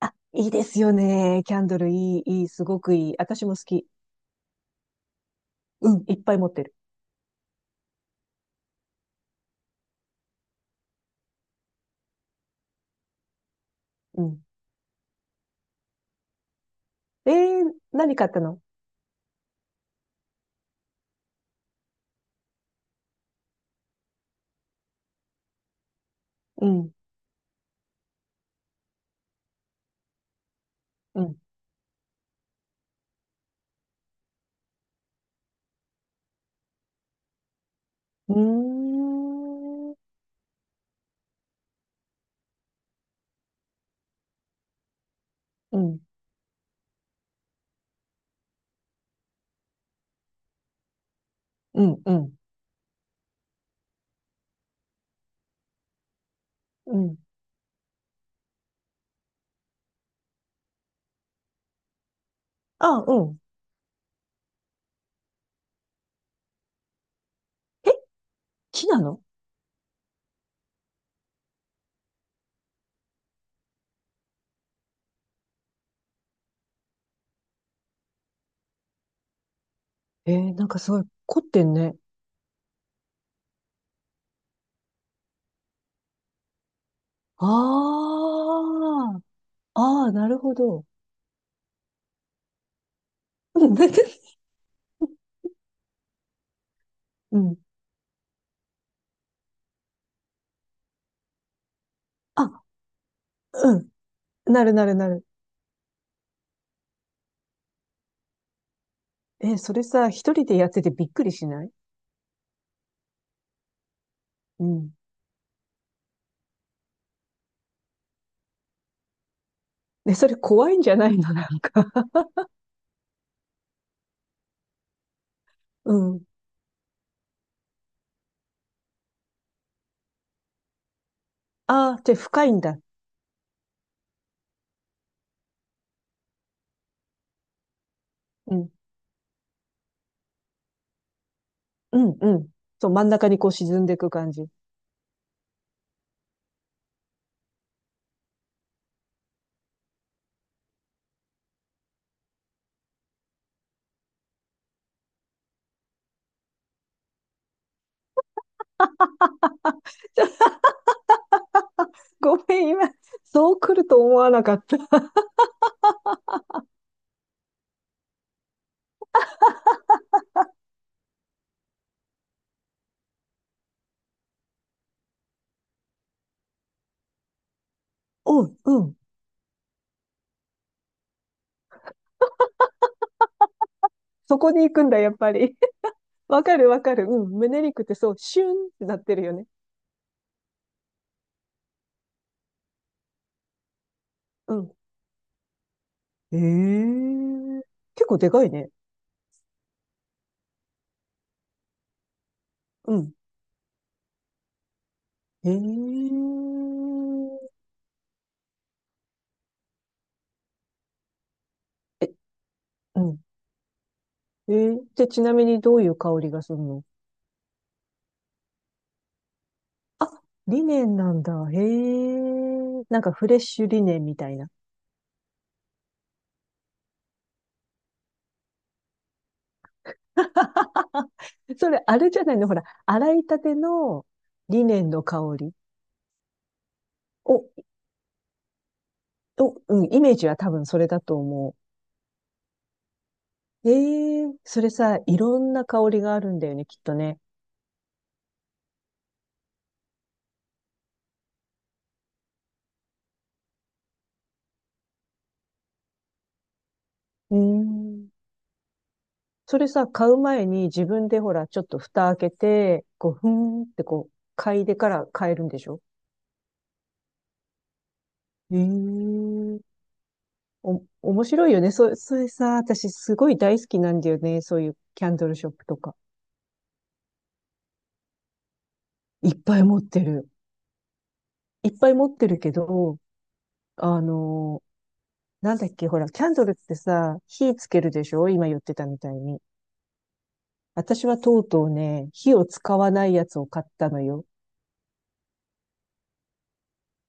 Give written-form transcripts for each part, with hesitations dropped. あ、いいですよね。キャンドルいい、いい、すごくいい。私も好き。うん、いっぱい持ってる。うん。えー、何買ったの？うん、うん。うーん、うん、うん、うん、うん。あ、うん。え、木なの？えー、なんかすごい凝ってんね。ああ、ああ、なるほど。うん、うん。あ、うん。なるなるなる。えそれさ、一人でやっててびっくりしない？うん。ね、それ怖いんじゃないの、なんか。うん。ああ、じゃあ深いんだ。うん、うん、うん。そう、真ん中にこう沈んでいく感じ。ごめん、今、そう来ると思わなかった。うん、うん。そこに行くんだ、やっぱり。わかる、わかる。うん。胸肉ってそう、シュンってなってるよね。うん。ええ、結構でかいね。うん。えええ、うん。ええで、ちなみにどういう香りがするの？リネンなんだ。へえ。なんかフレッシュリネンみたいな。それ、あれじゃないの、ほら、洗いたてのリネンの香り。お、お、うん、イメージは多分それだと思う。ええそれさ、いろんな香りがあるんだよね、きっとね。うーん。それさ、買う前に自分でほら、ちょっと蓋開けて、こう、ふーんってこう、嗅いでから買えるんでしょ？ええお、面白いよね。そ、それさ、私すごい大好きなんだよね。そういうキャンドルショップとか。いっぱい持ってる。いっぱい持ってるけど、あの、なんだっけ、ほら、キャンドルってさ、火つけるでしょ、今言ってたみたいに。私はとうとうね、火を使わないやつを買ったのよ。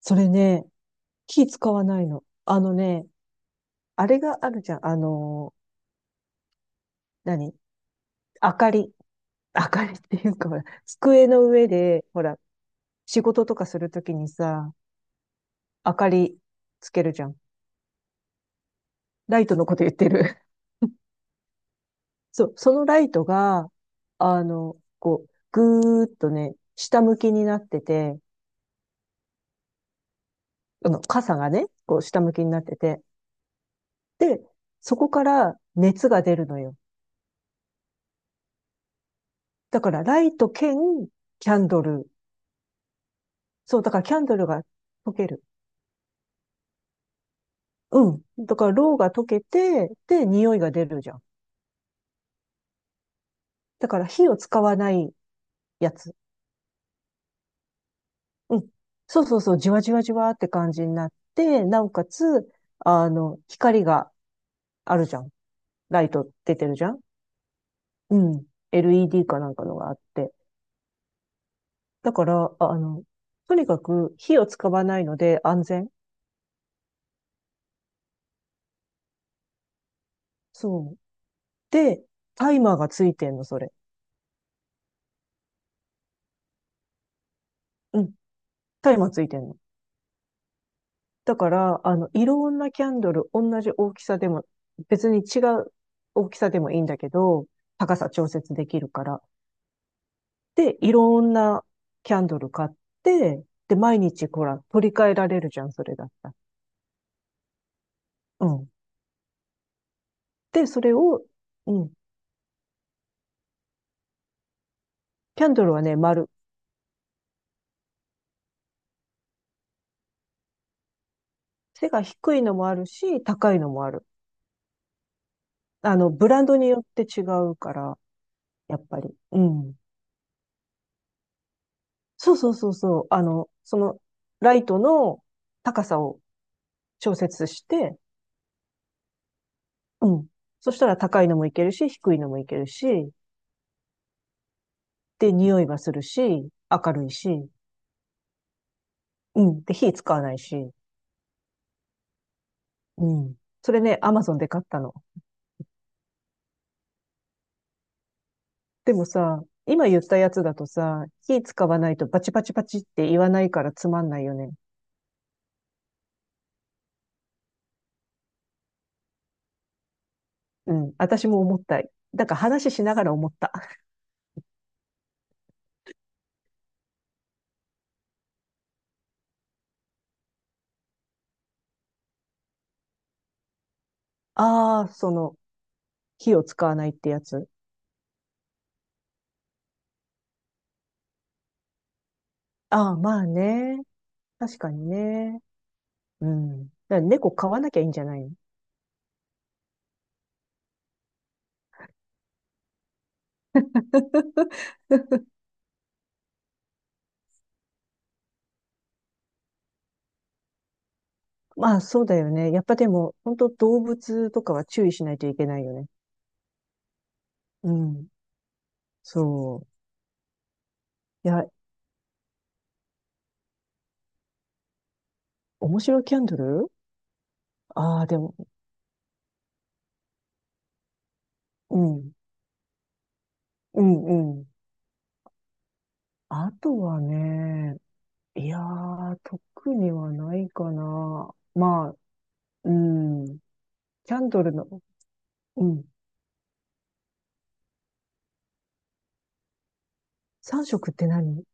それね、火使わないの。あれがあるじゃん。何、明かり。明かりっていうか、ほら、机の上で、ほら、仕事とかするときにさ、明かりつけるじゃん。ライトのこと言ってる。そう、そのライトが、こう、ぐーっとね、下向きになってて、傘がね、こう下向きになってて。で、そこから熱が出るのよ。だからライト兼キャンドル。そう、だからキャンドルが溶ける。うん。だからろうが溶けて、で、匂いが出るじゃん。だから火を使わないやつ。うん。そうそうそう、じわじわじわって感じになって、なおかつ、光があるじゃん。ライト出てるじゃん。うん。LED かなんかのがあって。だから、あとにかく火を使わないので安全。そう。で、タイマーがついてんの、それ。うん。タイマーついてんの。だから、いろんなキャンドル、同じ大きさでも、別に違う大きさでもいいんだけど、高さ調節できるから。で、いろんなキャンドル買って、で、毎日、ほら、取り替えられるじゃん、それだったら。うん。で、それを、うん。キャンドルはね、丸。背が低いのもあるし、高いのもある。ブランドによって違うから、やっぱり。うん。そうそうそうそう。ライトの高さを調節して、うん。そしたら高いのもいけるし、低いのもいけるし、で、匂いはするし、明るいし、うん。で、火使わないし、うん。それね、アマゾンで買ったの。でもさ、今言ったやつだとさ、火使わないとバチバチバチって言わないからつまんないよね。うん。私も思った。だから話しながら思った。ああ、その、火を使わないってやつ。ああ、まあね。確かにね。うん。だから猫飼わなきゃいいんじゃないの？ まあそうだよね。やっぱでも、本当動物とかは注意しないといけないよね。うん。そう。いや、面白いキャンドル、ああー、でも、うん。うんうん。あとはね、いやー、特にはないかな。まあ、うん。キャンドルの、うん。3色って何？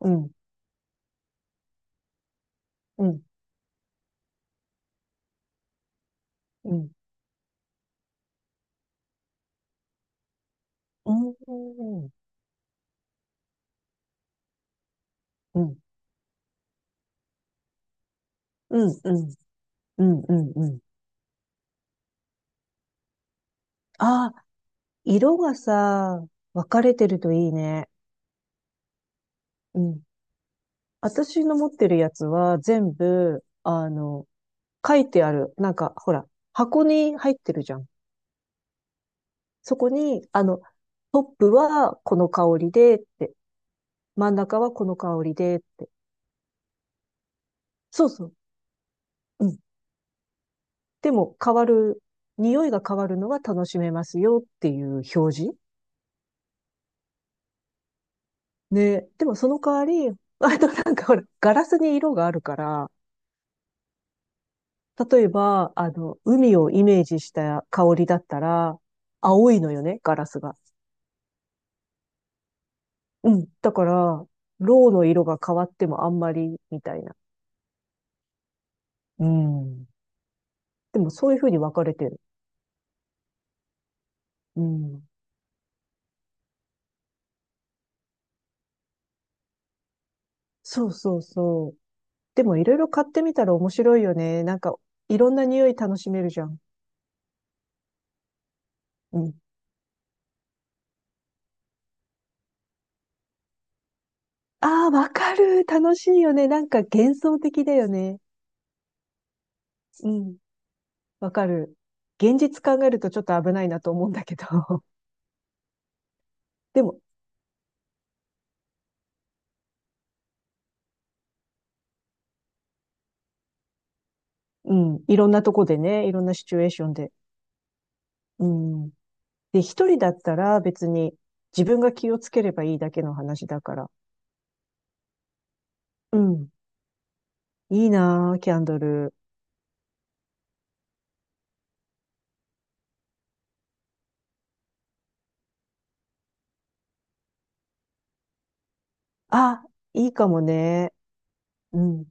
うん、うん、うん。うんうん、うん、うん、うん、うん、うん。ああ、色がさ、分かれてるといいね。うん。私の持ってるやつは全部、書いてある。なんか、ほら、箱に入ってるじゃん。そこに、トップはこの香りでって、真ん中はこの香りでって。そうそう。うん。でも変わる、匂いが変わるのは楽しめますよっていう表示。ね。でもその代わり、あとなんかほら、ガラスに色があるから、例えば、海をイメージした香りだったら、青いのよね、ガラスが。うん。だから、ロウの色が変わってもあんまり、みたいな。うん。でもそういう風に分かれてる。うん。そうそうそう。でもいろいろ買ってみたら面白いよね。なんか、いろんな匂い楽しめるじゃん。うん。ああ、わかる。楽しいよね。なんか幻想的だよね。うん。わかる。現実考えるとちょっと危ないなと思うんだけど。でも、うん、いろんなとこでね、いろんなシチュエーションで。うん。で、一人だったら別に自分が気をつければいいだけの話だから。うん。いいなぁ、キャンドル。あ、いいかもね。うん。